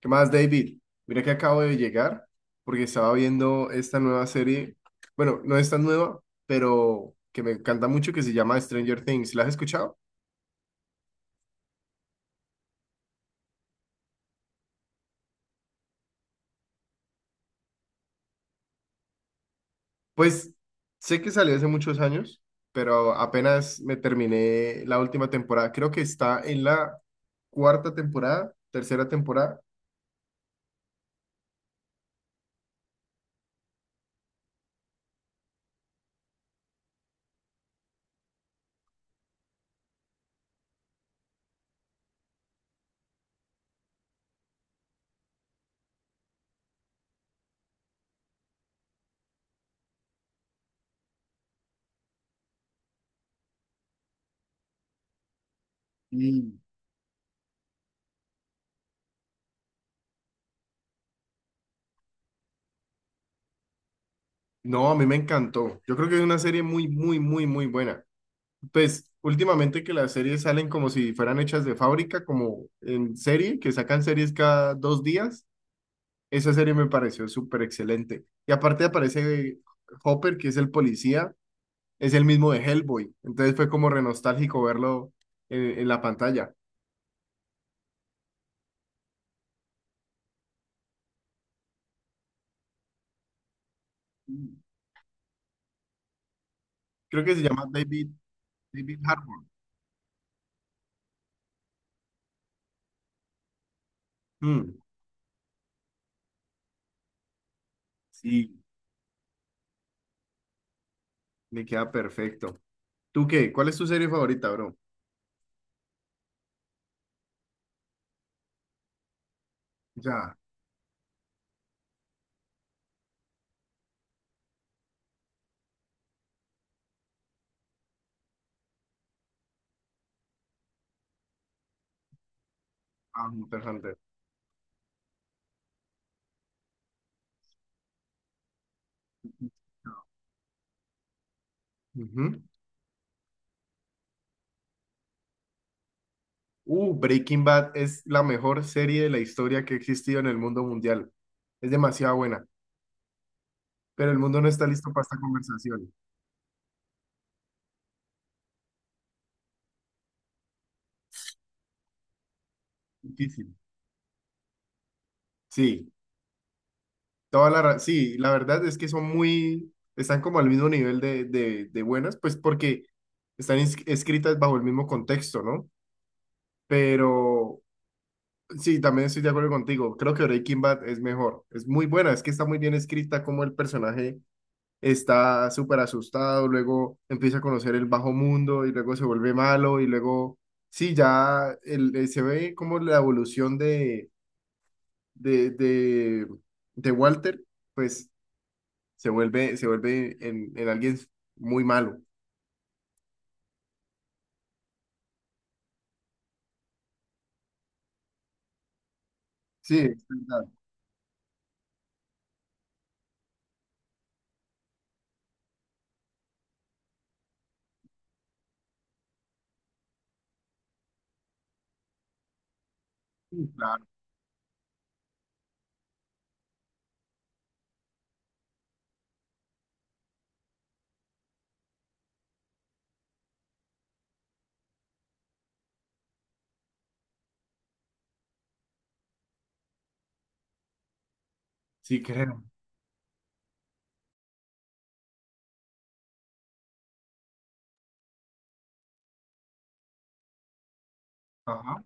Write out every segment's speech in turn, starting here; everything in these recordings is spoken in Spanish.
¿Qué más, David? Mira que acabo de llegar porque estaba viendo esta nueva serie. Bueno, no es tan nueva, pero que me encanta mucho que se llama Stranger Things. ¿La has escuchado? Pues sé que salió hace muchos años, pero apenas me terminé la última temporada. Creo que está en la cuarta temporada, tercera temporada. Mm. No, a mí me encantó. Yo creo que es una serie muy, muy, muy, muy buena. Pues últimamente que las series salen como si fueran hechas de fábrica, como en serie, que sacan series cada dos días. Esa serie me pareció súper excelente. Y aparte aparece Hopper, que es el policía, es el mismo de Hellboy. Entonces fue como re nostálgico verlo en la pantalla. Mm. Creo que se llama David, David Harbour. Mm, Sí, le queda perfecto. ¿Tú qué? ¿Cuál es tu serie favorita, bro? Ya. Ah, interesante. Ujú. Breaking Bad es la mejor serie de la historia que ha existido en el mundo mundial. Es demasiado buena, pero el mundo no está listo para esta conversación. Difícil. Sí, toda la, sí, la verdad es que son muy, están como al mismo nivel de buenas, pues porque están escritas bajo el mismo contexto, ¿no? Pero sí, también estoy de acuerdo contigo. Creo que Breaking Bad es mejor. Es muy buena, es que está muy bien escrita como el personaje está súper asustado, luego empieza a conocer el bajo mundo y luego se vuelve malo y luego, sí, ya se ve como la evolución de, de, de Walter, pues se vuelve en alguien muy malo. Sí, es verdad. Sí, claro. Sí, creo. Ajá.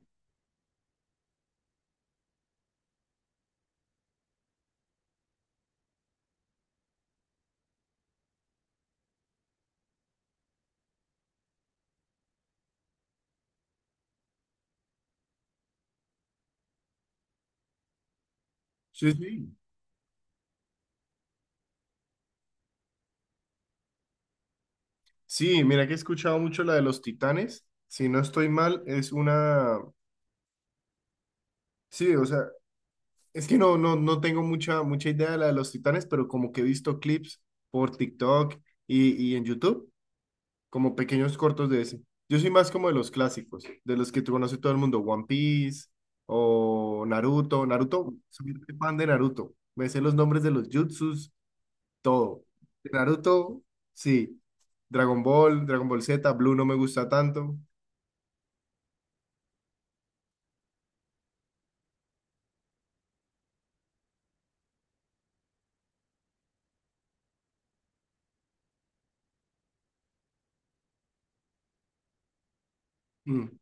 Sí, sí. Sí, mira que he escuchado mucho la de los titanes. Si no estoy mal, es una... Sí, o sea, es que no tengo mucha, mucha idea de la de los titanes, pero como que he visto clips por TikTok y en YouTube, como pequeños cortos de ese. Yo soy más como de los clásicos, de los que tú conoce todo el mundo, One Piece o Naruto. Naruto, soy muy fan de Naruto. Me sé los nombres de los jutsus, todo. De Naruto, sí. Dragon Ball, Dragon Ball Z, Blue no me gusta tanto. Mm,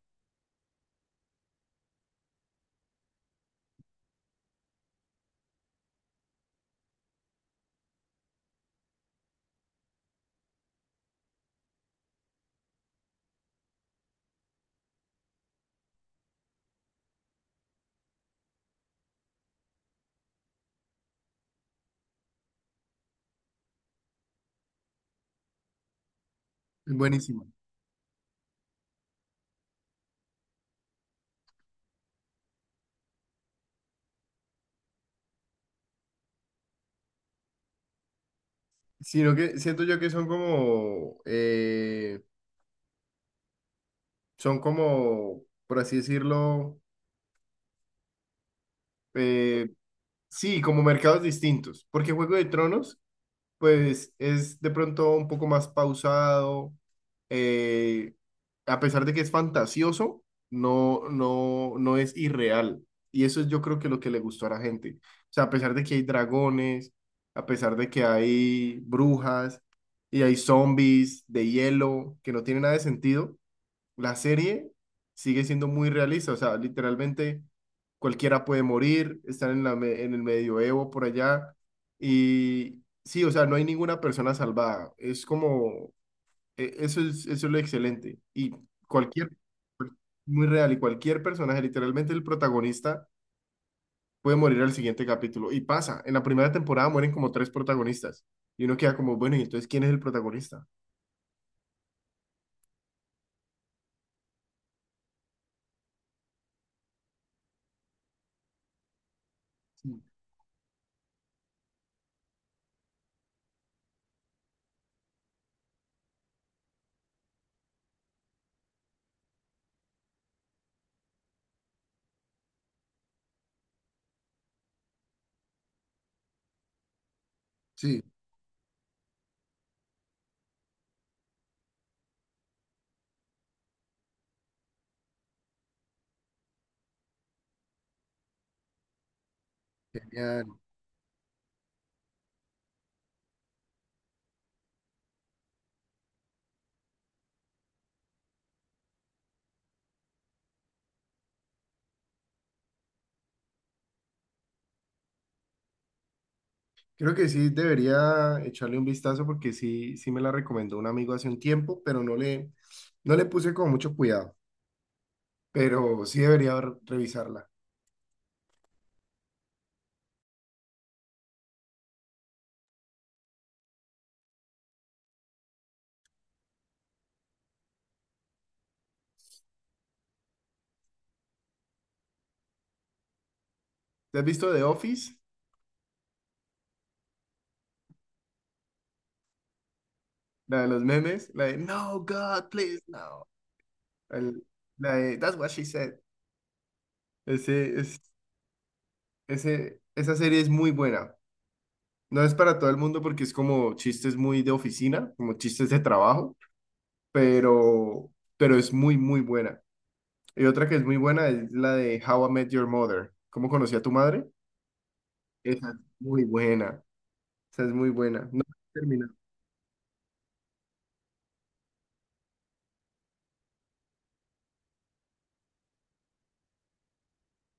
buenísimo. Sino que siento yo que son como... son como, por así decirlo, eh, sí, como mercados distintos, porque Juego de Tronos, pues es de pronto un poco más pausado, eh, a pesar de que es fantasioso, no es irreal. Y eso es yo creo que lo que le gustó a la gente. O sea, a pesar de que hay dragones, a pesar de que hay brujas y hay zombies de hielo, que no tiene nada de sentido, la serie sigue siendo muy realista, o sea, literalmente cualquiera puede morir, están en en el medioevo por allá y sí, o sea, no hay ninguna persona salvada, es como, eso es lo excelente y cualquier, muy real, y cualquier personaje, literalmente el protagonista puede morir al siguiente capítulo y pasa, en la primera temporada mueren como tres protagonistas y uno queda como, bueno, ¿y entonces quién es el protagonista? Sí, sí, genial. Creo que sí debería echarle un vistazo porque sí, sí me la recomendó un amigo hace un tiempo, pero no le, no le puse con mucho cuidado, pero sí debería revisarla. ¿Te has visto The Office? La de los memes, la de No, God, please, no. El- la de That's what she said. Ese, es, ese, esa serie es muy buena. No es para todo el mundo porque es como chistes muy de oficina, como chistes de trabajo, pero, pero es muy, muy buena. Y otra que es muy buena es la de How I Met Your Mother. ¿Cómo conocí a tu madre? Esa es muy buena. Esa es muy buena. No termina.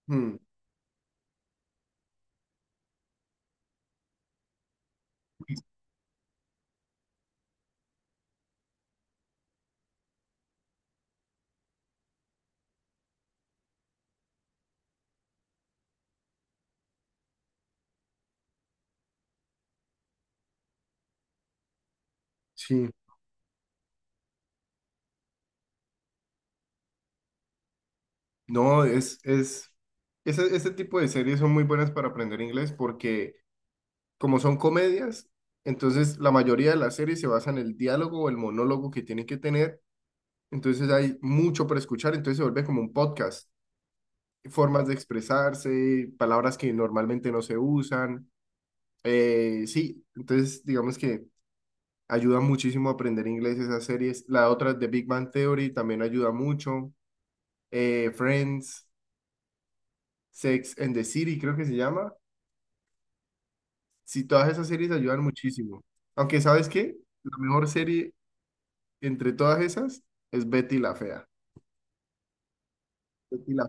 Hmm, Sí. No, es, ese tipo de series son muy buenas para aprender inglés porque como son comedias, entonces la mayoría de las series se basa en el diálogo o el monólogo que tienen que tener. Entonces hay mucho para escuchar, entonces se vuelve como un podcast. Formas de expresarse, palabras que normalmente no se usan. Sí, entonces digamos que ayuda muchísimo a aprender inglés esas series. La otra de Big Bang Theory también ayuda mucho. Friends, Sex and the City, creo que se llama. Sí, todas esas series ayudan muchísimo. Aunque, ¿sabes qué? La mejor serie entre todas esas es Betty la Fea. Betty la...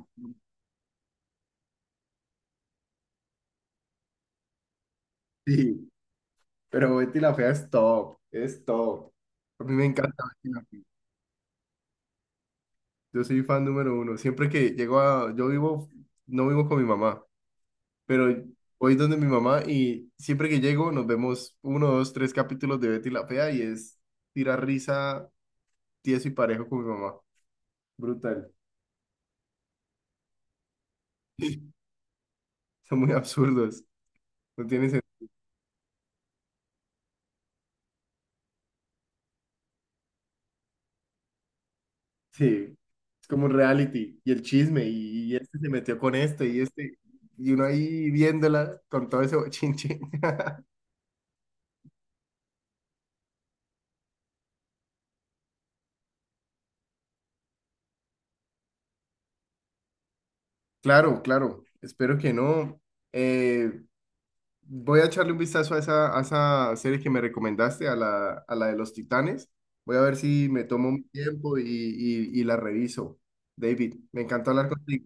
Sí, pero Betty la Fea es top, es top. A mí me encanta Betty la Fea. Yo soy fan número uno. Siempre que llego a... Yo vivo, no vivo con mi mamá, pero voy donde mi mamá y siempre que llego nos vemos uno, dos, tres capítulos de Betty la Fea y es tirar risa tieso y parejo con mi mamá. Brutal. Son muy absurdos. No tiene sentido. Sí. Es como un reality y el chisme y este se metió con este y este. Y uno ahí viéndola con todo ese bochinche. Claro, claro. Espero que no. Eh, Voy a echarle un vistazo a esa serie que me recomendaste, a la de los Titanes. Voy a ver si me tomo un tiempo y la reviso. David, me encantó hablar contigo.